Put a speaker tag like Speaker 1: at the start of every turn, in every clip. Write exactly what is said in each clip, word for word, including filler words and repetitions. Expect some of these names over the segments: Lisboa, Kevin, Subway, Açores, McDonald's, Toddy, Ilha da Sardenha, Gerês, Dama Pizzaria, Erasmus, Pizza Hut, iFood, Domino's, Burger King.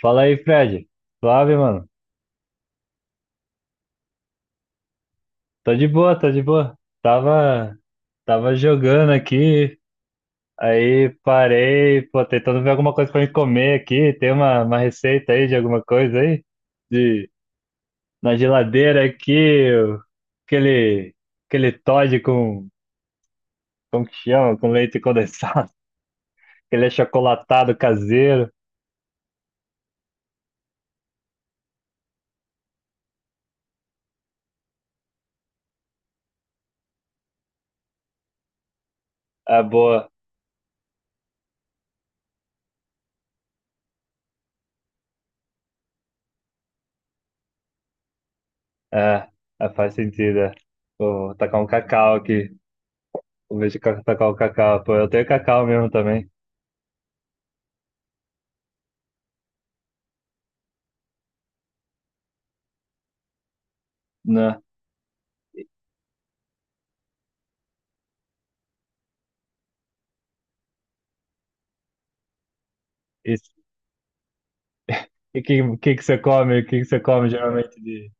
Speaker 1: Fala aí, Fred. Suave, mano. Tô de boa, tô de boa. Tava, tava jogando aqui, aí parei, pô, tentando ver alguma coisa pra me comer aqui. Tem uma, uma receita aí de alguma coisa aí? De, Na geladeira aqui, o- aquele, aquele Toddy com, como que chama? Com leite condensado. Aquele achocolatado caseiro. Ah, boa. É, é, faz sentido, é. Vou tacar um cacau aqui. Vou ver de ca- tacar o cacau. Pô, eu tenho cacau mesmo também. Né? Esse- E que, que que você come? O que que você come geralmente de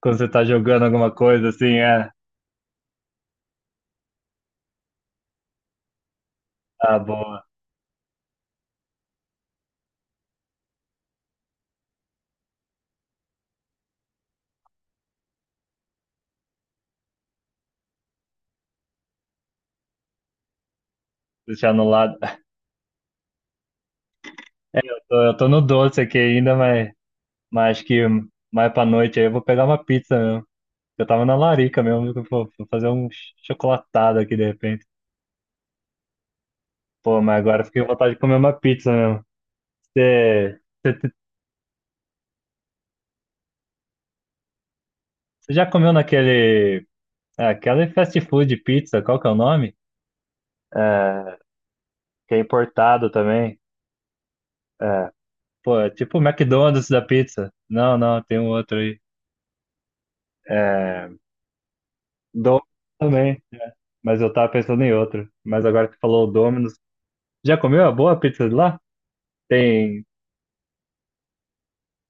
Speaker 1: quando você tá jogando alguma coisa assim? É, ah, boa. Deixar no lado. Eu tô no doce aqui ainda, mas, mas acho que mais pra noite aí eu vou pegar uma pizza mesmo. Eu tava na larica mesmo, que eu vou vou fazer um ch- chocolatado aqui de repente. Pô, mas agora eu fiquei com vontade de comer uma pizza mesmo. Você, você, você já comeu naquele, é, aquele fast food pizza, qual que é o nome? É, que é importado também. É, pô, é tipo o McDonald's da pizza. Não, não, tem um outro aí. É, Domino's também, mas eu tava pensando em outro. Mas agora que falou o Domino's, já comeu a boa pizza de lá? Tem,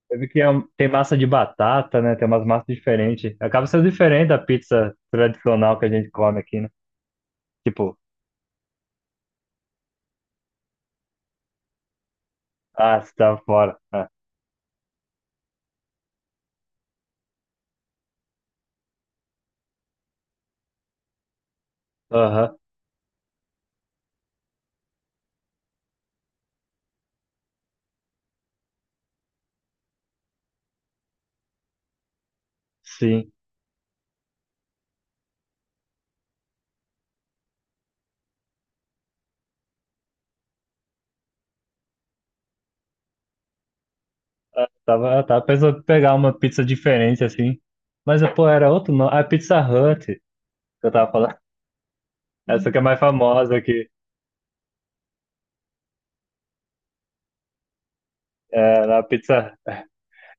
Speaker 1: eu vi que é um- tem massa de batata, né? Tem umas massas diferentes. Acaba sendo diferente da pizza tradicional que a gente come aqui, né? Tipo, ah, você tava fora. Ah, aham, sim. Tava, eu tava pensando em pegar uma pizza diferente assim. Mas, pô, era outro nome. A Pizza Hut, que eu tava falando. Essa que é mais famosa aqui. É, na Pizza,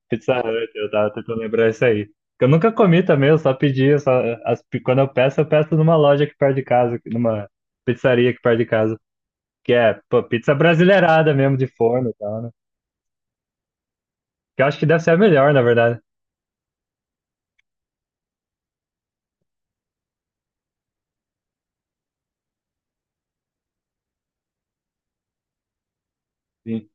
Speaker 1: Pizza Hut, eu tava tentando lembrar isso aí. Eu nunca comi também, eu só pedi, eu só, as, pi- quando eu peço, eu peço numa loja aqui perto de casa, numa pizzaria aqui perto de casa, que é, pô, pizza brasileirada mesmo, de forno e tal, né? Que eu acho que deve ser a melhor, na verdade. Sim.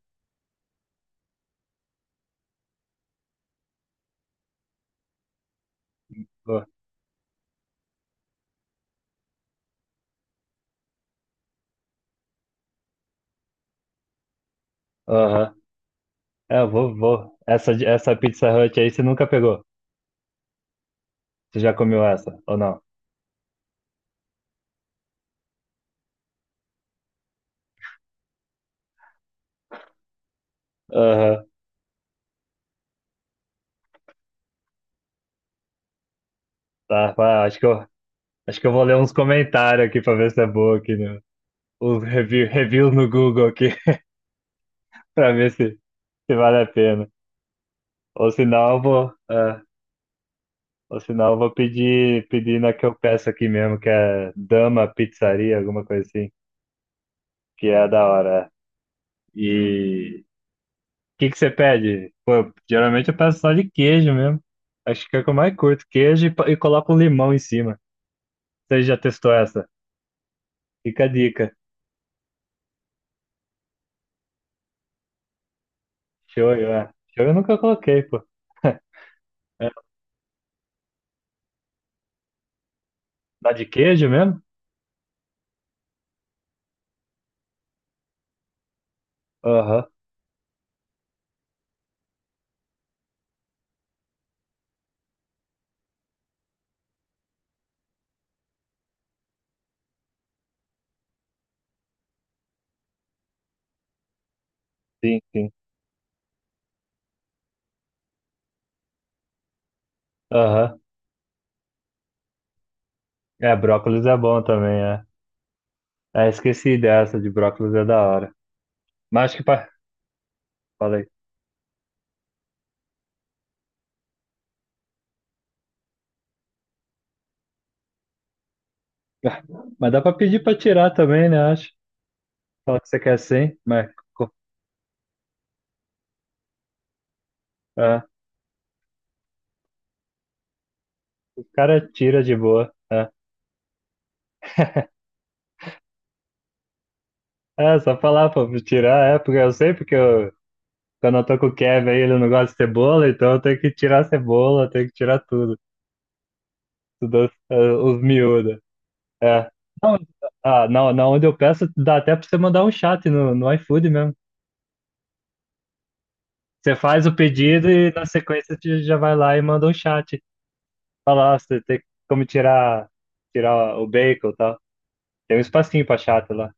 Speaker 1: Pô, aham. É, eu vou, vou. Essa, de- essa Pizza Hut aí você nunca pegou? Você já comeu essa, ou não? Aham. Tá, pá, acho que eu, acho que eu vou ler uns comentários aqui pra ver se é boa aqui, né? Os review, reviews no Google aqui, pra ver se se vale a pena. Ou senão eu vou, é, ou senão eu vou pedir, pedir na que eu peço aqui mesmo, que é Dama Pizzaria, alguma coisa assim, que é da hora. É. E o que que você pede? Pô, geralmente eu peço só de queijo mesmo. Acho que é o que eu mais curto, queijo e, pa- e coloco um limão em cima. Você já testou essa? Fica a dica. Shoyu, é. Shoyu eu nunca coloquei, pô. É, dá de queijo mesmo? Aham, sim, sim. Aham. É, brócolis é bom também, é. Ah, esqueci dessa de brócolis é da hora. Mas acho que pa... falei. Mas dá pra pedir pra tirar também, né? Acho. Fala que você quer sim, mas co- é, o cara tira de boa. É, é, só falar pra tirar, é, porque eu sei, porque eu, quando eu tô com o Kevin aí, ele não gosta de cebola, então eu tenho que tirar a cebola, eu tenho que tirar tudo. Tudo é, os miúdos. É. Não, ah, não, na onde eu peço, dá até pra você mandar um chat no, no iFood mesmo. Você faz o pedido e na sequência você já vai lá e manda um chat. Falar, você tem como tirar, tirar o bacon e tal. Tem um espacinho pra chata lá.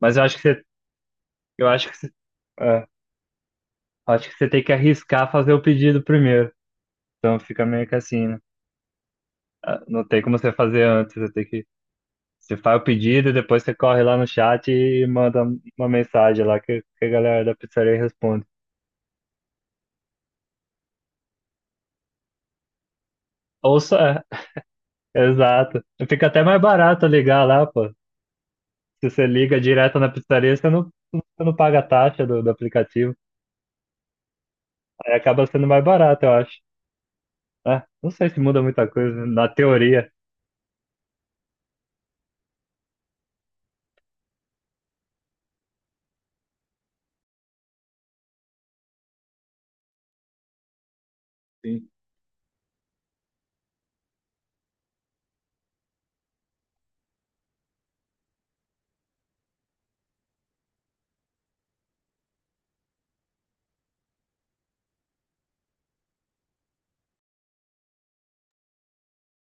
Speaker 1: Mas eu acho que você, eu acho que você, é, acho que você tem que arriscar fazer o pedido primeiro. Então fica meio que assim, né? Ah, não tem como você fazer antes, você tem que, você faz o pedido, depois você corre lá no chat e manda uma mensagem lá que, que a galera da pizzaria responde. Ou só, é, exato. Fica até mais barato ligar lá, pô. Se você liga direto na pizzaria, você não, você não paga a taxa do do aplicativo. É, acaba sendo mais barato, eu acho. É, não sei se muda muita coisa, na teoria. Sim.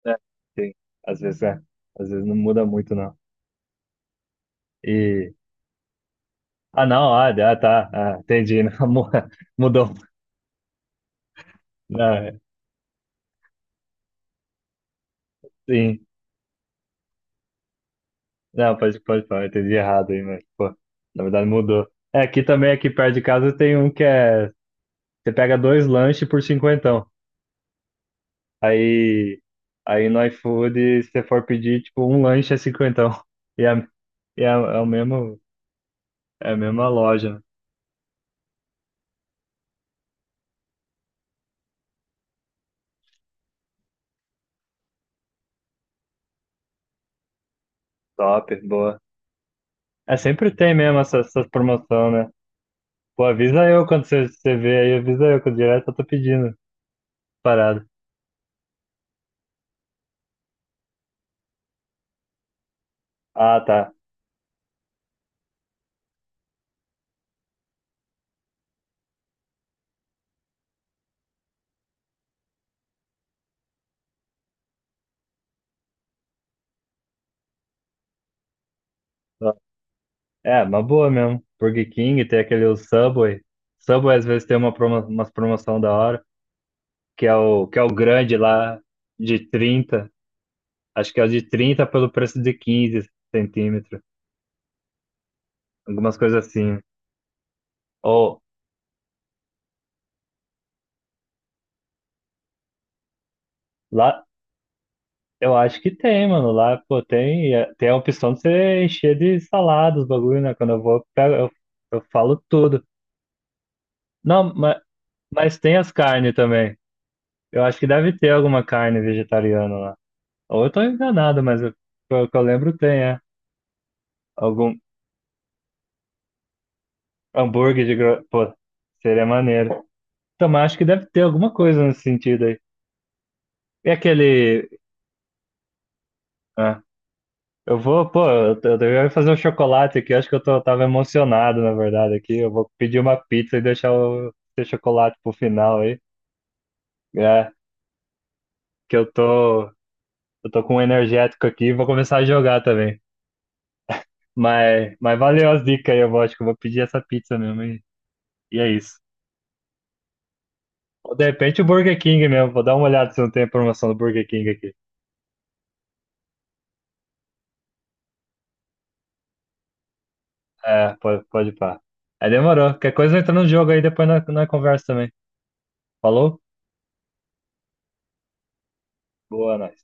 Speaker 1: É, sim. Às vezes é. Às vezes não muda muito, não. E. Ah, não, ah, ah, tá. Ah, entendi. Não, mu- mudou. Não, é, sim. Não, pode, pode falar, eu entendi errado aí, mas, pô, na verdade mudou. É, aqui também, aqui perto de casa, tem um que é. Você pega dois lanches por cinquentão. Aí. Aí no iFood, se você for pedir, tipo, um lanche é cinquentão. E é, e é, é o mesmo. É a mesma loja. Né? Top, boa. É, sempre tem mesmo essa, essa promoção, né? Pô, avisa eu quando você, você vê aí, avisa eu, que eu direto eu tô pedindo parada. Ah, tá. É, é uma boa mesmo. Burger King, tem aquele Subway. Subway às vezes tem uma promo, umas promoção da hora, que é o, que é o grande lá, de trinta. Acho que é o de trinta pelo preço de quinze centímetros. Algumas coisas assim. Né? Ou, lá, eu acho que tem, mano. Lá, pô, tem, tem a opção de você encher de salada os bagulho, né? Quando eu vou, eu, pego- eu, eu falo tudo. Não, mas, mas tem as carnes também. Eu acho que deve ter alguma carne vegetariana lá. Ou eu tô enganado, mas eu- pelo que eu lembro tem, é. Algum hambúrguer de gra- pô, seria maneiro. Então, mas acho que deve ter alguma coisa nesse sentido aí. E aquele ah, eu vou, pô, eu, eu devia fazer um chocolate aqui, acho que eu tô, tava emocionado, na verdade, aqui. Eu vou pedir uma pizza e deixar o esse chocolate pro final aí. É, que eu tô, eu tô com um energético aqui e vou começar a jogar também. Mas, mas valeu as dicas aí, eu vou, acho que eu vou pedir essa pizza mesmo e, e é isso. Ou de repente o Burger King mesmo, vou dar uma olhada se não tem a promoção do Burger King aqui. É, pode, pode pá. Aí demorou. Qualquer coisa entra no jogo aí, depois na, na conversa também. Falou? Boa, né?